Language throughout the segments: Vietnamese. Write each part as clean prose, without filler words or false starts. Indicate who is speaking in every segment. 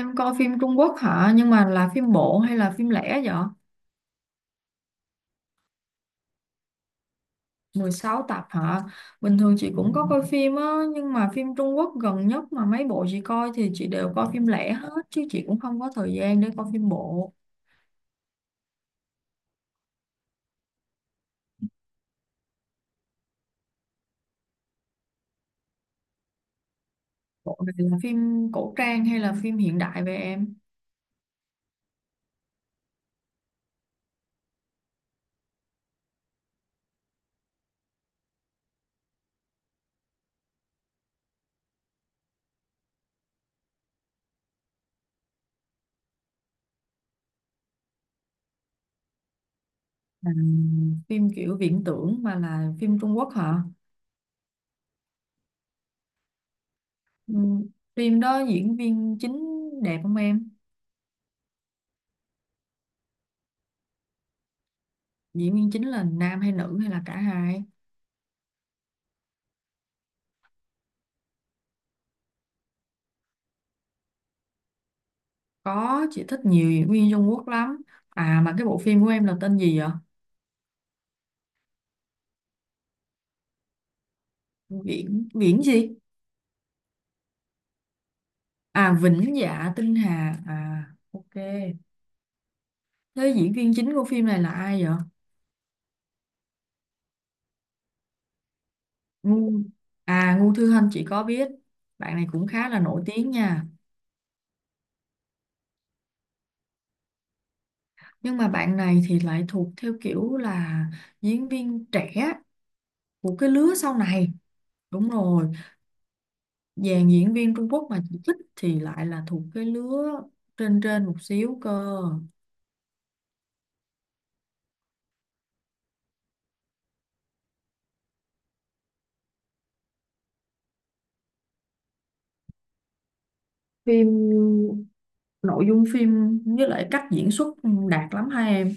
Speaker 1: Em coi phim Trung Quốc hả? Nhưng mà là phim bộ hay là phim lẻ vậy? 16 tập hả? Bình thường chị cũng có coi phim á, nhưng mà phim Trung Quốc gần nhất mà mấy bộ chị coi thì chị đều coi phim lẻ hết, chứ chị cũng không có thời gian để coi phim bộ. Bộ này là phim cổ trang hay là phim hiện đại về em? À, phim kiểu viễn tưởng mà là phim Trung Quốc hả? Ừ, phim đó diễn viên chính đẹp không em? Diễn viên chính là nam hay nữ hay là cả hai? Có, chị thích nhiều diễn viên Trung Quốc lắm. À mà cái bộ phim của em là tên gì vậy? Viễn Viễn gì? À Vĩnh Dạ Tinh Hà. À ok. Thế diễn viên chính của phim này là ai vậy? Ngu À Ngu Thư Hân chị có biết. Bạn này cũng khá là nổi tiếng nha. Nhưng mà bạn này thì lại thuộc theo kiểu là diễn viên trẻ của cái lứa sau này. Đúng rồi, dàn diễn viên Trung Quốc mà chị thích thì lại là thuộc cái lứa trên trên một xíu cơ. Phim, nội dung phim với lại cách diễn xuất đạt lắm hai em.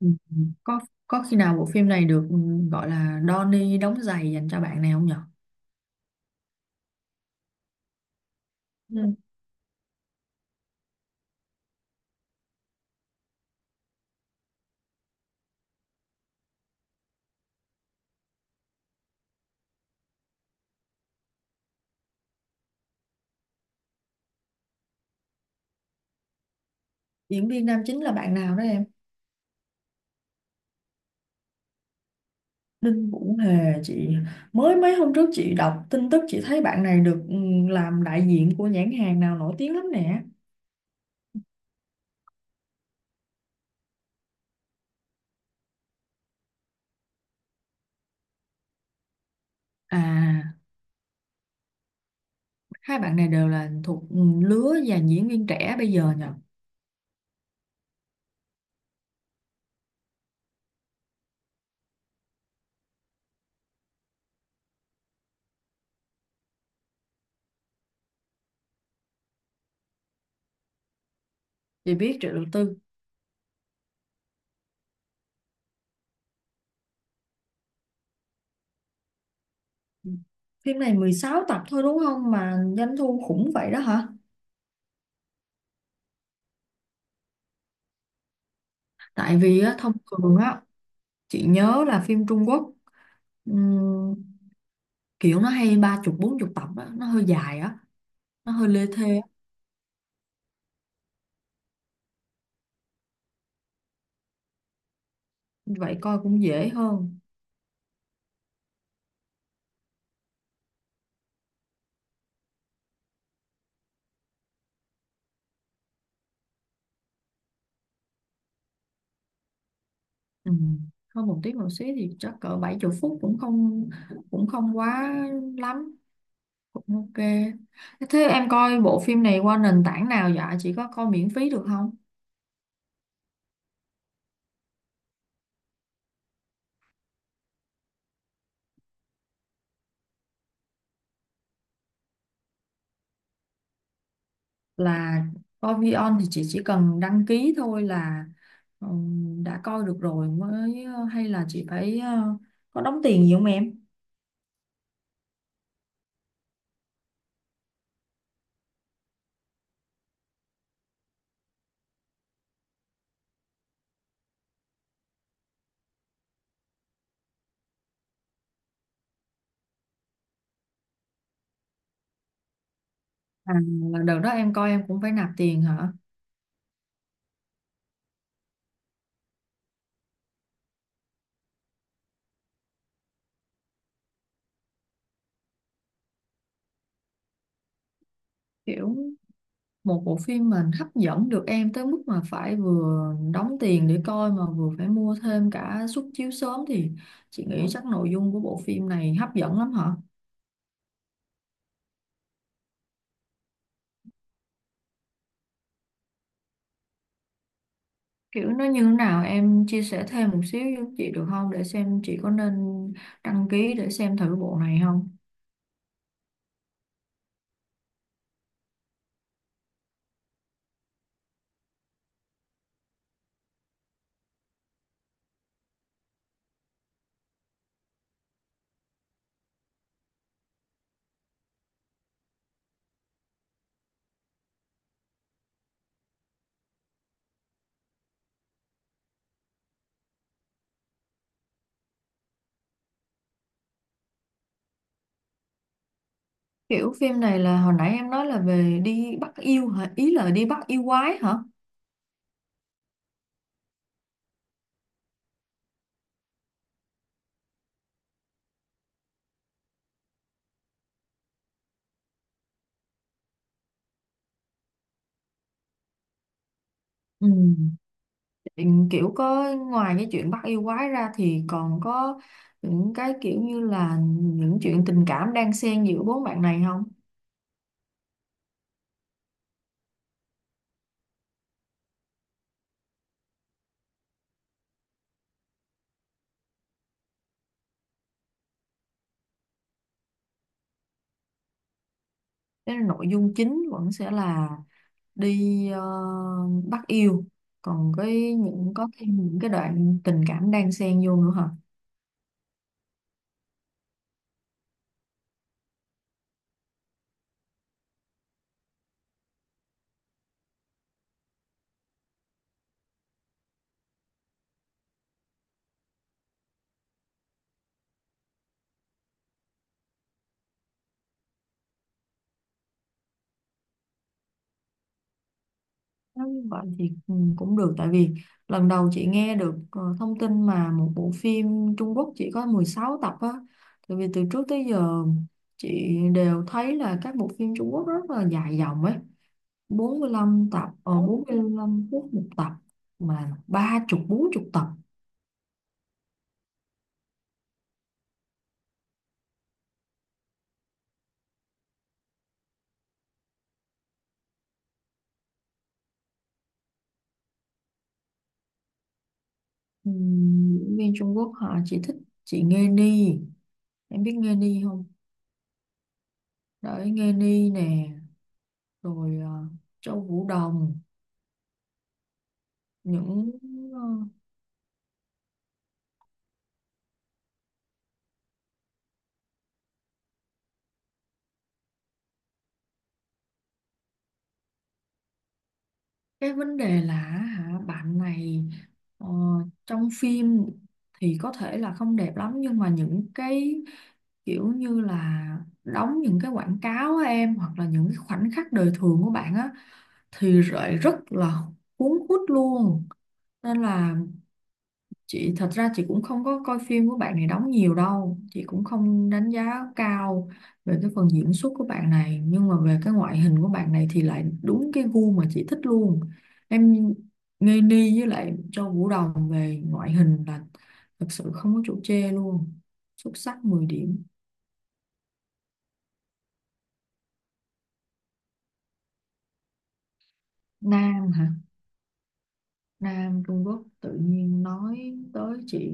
Speaker 1: Ừ. có có khi nào bộ phim này được gọi là Donnie đóng giày dành cho bạn này không nhở? Ừ. Diễn viên nam chính là bạn nào đó em? Đinh Vũ Hề chị, mới mấy hôm trước chị đọc tin tức chị thấy bạn này được làm đại diện của nhãn hàng nào nổi tiếng lắm nè. À, hai bạn này đều là thuộc lứa dàn diễn viên trẻ bây giờ nhở? Chị biết Triệu Đầu Tư. Ừ. Phim này 16 tập thôi đúng không mà doanh thu khủng vậy đó hả? Tại vì á, thông thường á, chị nhớ là phim Trung Quốc ừm, kiểu nó hay ba chục bốn chục tập á, nó hơi dài á, nó hơi lê thê á. Vậy coi cũng dễ hơn. Ừm, Hơn một tiếng một xí thì chắc cỡ 70 phút cũng không quá lắm, cũng ok. Thế em coi bộ phim này qua nền tảng nào dạ? Chị có coi miễn phí được không? Là coi Vion thì chị chỉ cần đăng ký thôi là đã coi được rồi mới hay là chị phải có đóng tiền gì không em? À, là đợt đó em coi em cũng phải nạp tiền hả? Kiểu một bộ phim mình hấp dẫn được em tới mức mà phải vừa đóng tiền để coi mà vừa phải mua thêm cả suất chiếu sớm thì chị nghĩ chắc nội dung của bộ phim này hấp dẫn lắm hả? Kiểu nó như thế nào em chia sẻ thêm một xíu với chị được không để xem chị có nên đăng ký để xem thử bộ này không? Kiểu phim này là hồi nãy em nói là về đi bắt yêu hả? Ý là đi bắt yêu quái hả? Ừ. Ừ, kiểu có ngoài cái chuyện bắt yêu quái ra thì còn có những cái kiểu như là những chuyện tình cảm đang xen giữa bốn bạn này không? Cái nội dung chính vẫn sẽ là đi bắt yêu. Còn cái những có thêm những cái đoạn tình cảm đang xen vô nữa hả? Nếu như vậy thì cũng được tại vì lần đầu chị nghe được thông tin mà một bộ phim Trung Quốc chỉ có 16 tập á, tại vì từ trước tới giờ chị đều thấy là các bộ phim Trung Quốc rất là dài dòng ấy, 45 tập 45 phút một tập, mà ba chục bốn chục tập. Ừ, diễn viên Trung Quốc họ chỉ thích chị Nghê Ni, em biết Nghê Ni không? Đấy Nghê Ni nè, rồi Châu Vũ Đồng, những ờ, cái vấn đề là hả bạn này ờ, trong phim thì có thể là không đẹp lắm, nhưng mà những cái kiểu như là đóng những cái quảng cáo á em hoặc là những cái khoảnh khắc đời thường của bạn á thì lại rất là cuốn hút luôn, nên là chị thật ra chị cũng không có coi phim của bạn này đóng nhiều đâu, chị cũng không đánh giá cao về cái phần diễn xuất của bạn này nhưng mà về cái ngoại hình của bạn này thì lại đúng cái gu mà chị thích luôn. Em, ngây ni với lại Châu Vũ Đồng về ngoại hình là thật sự không có chỗ chê luôn, xuất sắc 10 điểm. Nam hả? Nam Trung Quốc tự nhiên nói tới chị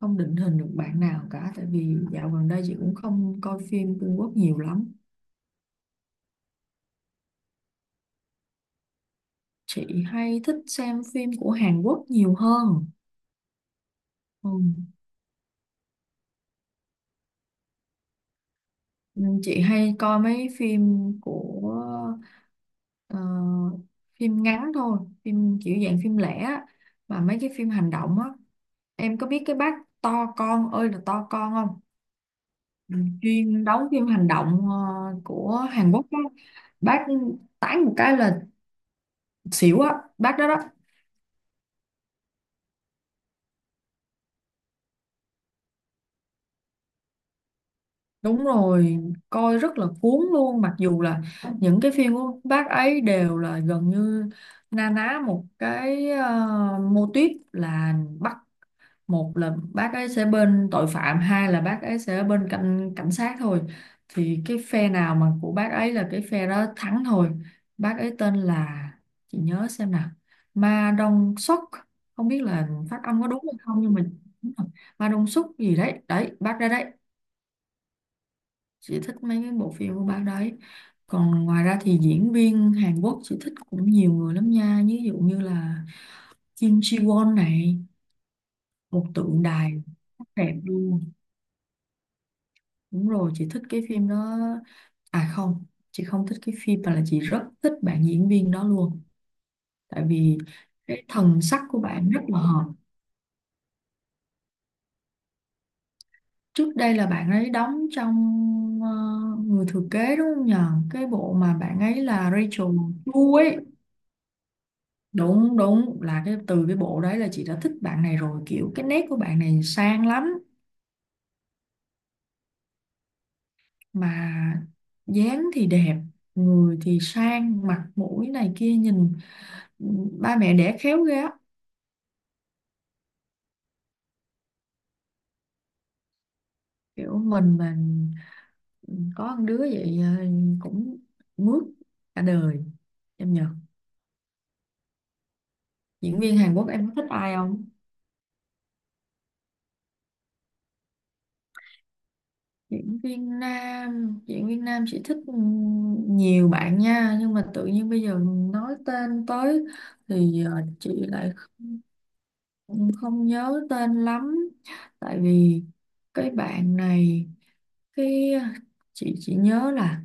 Speaker 1: không định hình được bạn nào cả tại vì dạo gần đây chị cũng không coi phim Trung Quốc nhiều lắm. Chị hay thích xem phim của Hàn Quốc nhiều hơn. Ừ. Ừ, chị hay coi mấy phim của ờ, phim ngắn thôi, phim kiểu dạng phim lẻ á, mà mấy cái phim hành động á. Em có biết cái bác to con ơi là to con không? Ừ, chuyên đóng phim hành động của Hàn Quốc á. Bác tán một cái là xỉu á, bác đó đó. Đúng rồi, coi rất là cuốn luôn mặc dù là những cái phim của bác ấy đều là gần như na ná một cái mô típ là bắt, một là bác ấy sẽ bên tội phạm, hai là bác ấy sẽ bên cảnh cảnh sát thôi, thì cái phe nào mà của bác ấy là cái phe đó thắng thôi. Bác ấy tên là, chị nhớ xem nào, Ma Đông Xuất, không biết là phát âm có đúng hay không nhưng mà đúng rồi. Ma Đông Xuất gì đấy đấy, bác ra đấy. Chị thích mấy cái bộ phim của bạn đấy. Còn ngoài ra thì diễn viên Hàn Quốc chị thích cũng nhiều người lắm nha, ví dụ như là Kim Ji Won này, một tượng đài rất đẹp luôn. Đúng rồi chị thích cái phim đó, à không, chị không thích cái phim mà là chị rất thích bạn diễn viên đó luôn tại vì cái thần sắc của bạn rất là hợp. Trước đây là bạn ấy đóng trong ờ, người thừa kế, đúng không nhờ, cái bộ mà bạn ấy là Rachel Chu ấy, đúng đúng, là cái từ cái bộ đấy là chị đã thích bạn này rồi, kiểu cái nét của bạn này sang lắm. Mà dáng thì đẹp, người thì sang, mặt mũi này kia nhìn, ba mẹ đẻ khéo ghê á. Kiểu mình mà có con đứa vậy cũng mướt cả đời em nhờ. Diễn viên Hàn Quốc em có thích ai không? Diễn viên nam chị thích nhiều bạn nha, nhưng mà tự nhiên bây giờ nói tên tới thì chị lại không, không nhớ tên lắm tại vì cái bạn này, cái chị nhớ là,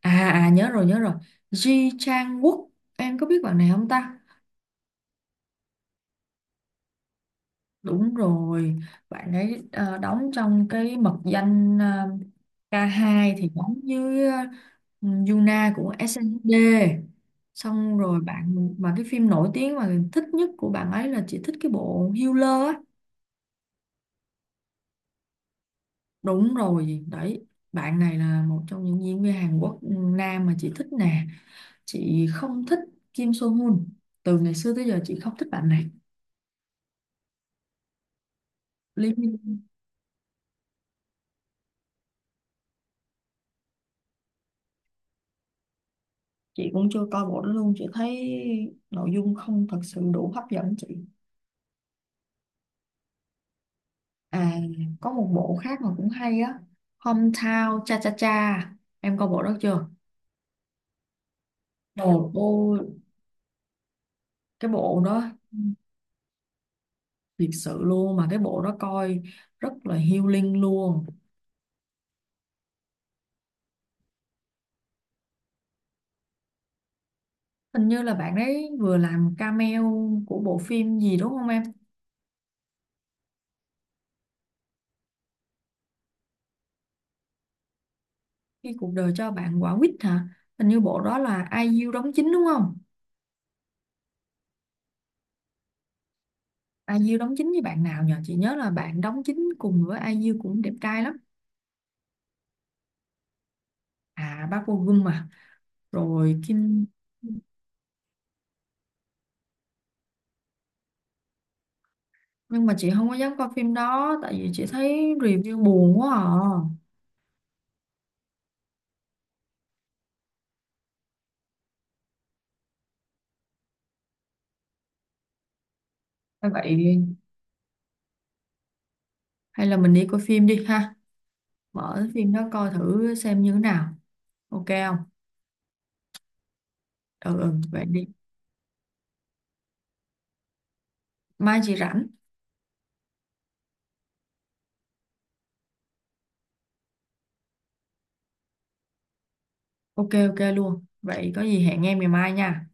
Speaker 1: à à nhớ rồi nhớ rồi, Ji Chang Wook, em có biết bạn này không ta? Đúng rồi, bạn ấy đóng trong cái mật danh K2 thì đóng với Yuna của SNSD. Xong rồi bạn mà cái phim nổi tiếng mà thích nhất của bạn ấy là chị thích cái bộ Healer á. Đúng rồi, đấy. Bạn này là một trong những diễn viên Hàn Quốc nam mà chị thích nè. Chị không thích Kim So Hyun. Từ ngày xưa tới giờ chị không thích bạn này. Lee Min, chị cũng chưa coi bộ đó luôn, chị thấy nội dung không thật sự đủ hấp dẫn chị. À, có một bộ khác mà cũng hay á, Hometown Cha Cha Cha, em coi bộ đó chưa? Đồ ô, cái bộ đó thiệt sự luôn, mà cái bộ đó coi rất là healing luôn. Hình như là bạn ấy vừa làm cameo của bộ phim gì đúng không em? Khi cuộc đời cho bạn quả quýt hả? Hình như bộ đó là IU đóng chính đúng không? IU đóng chính với bạn nào nhờ, chị nhớ là bạn đóng chính cùng với IU cũng đẹp trai lắm. À bác Vô Gum mà, rồi Kim, nhưng mà chị không có dám coi phim đó tại vì chị thấy review buồn quá à. Hay vậy. Hay là mình đi coi phim đi ha, mở cái phim đó coi thử xem như thế nào, ok không? Ừ ừ vậy đi. Mai chị rảnh. Ok ok luôn, vậy có gì hẹn em ngày mai nha.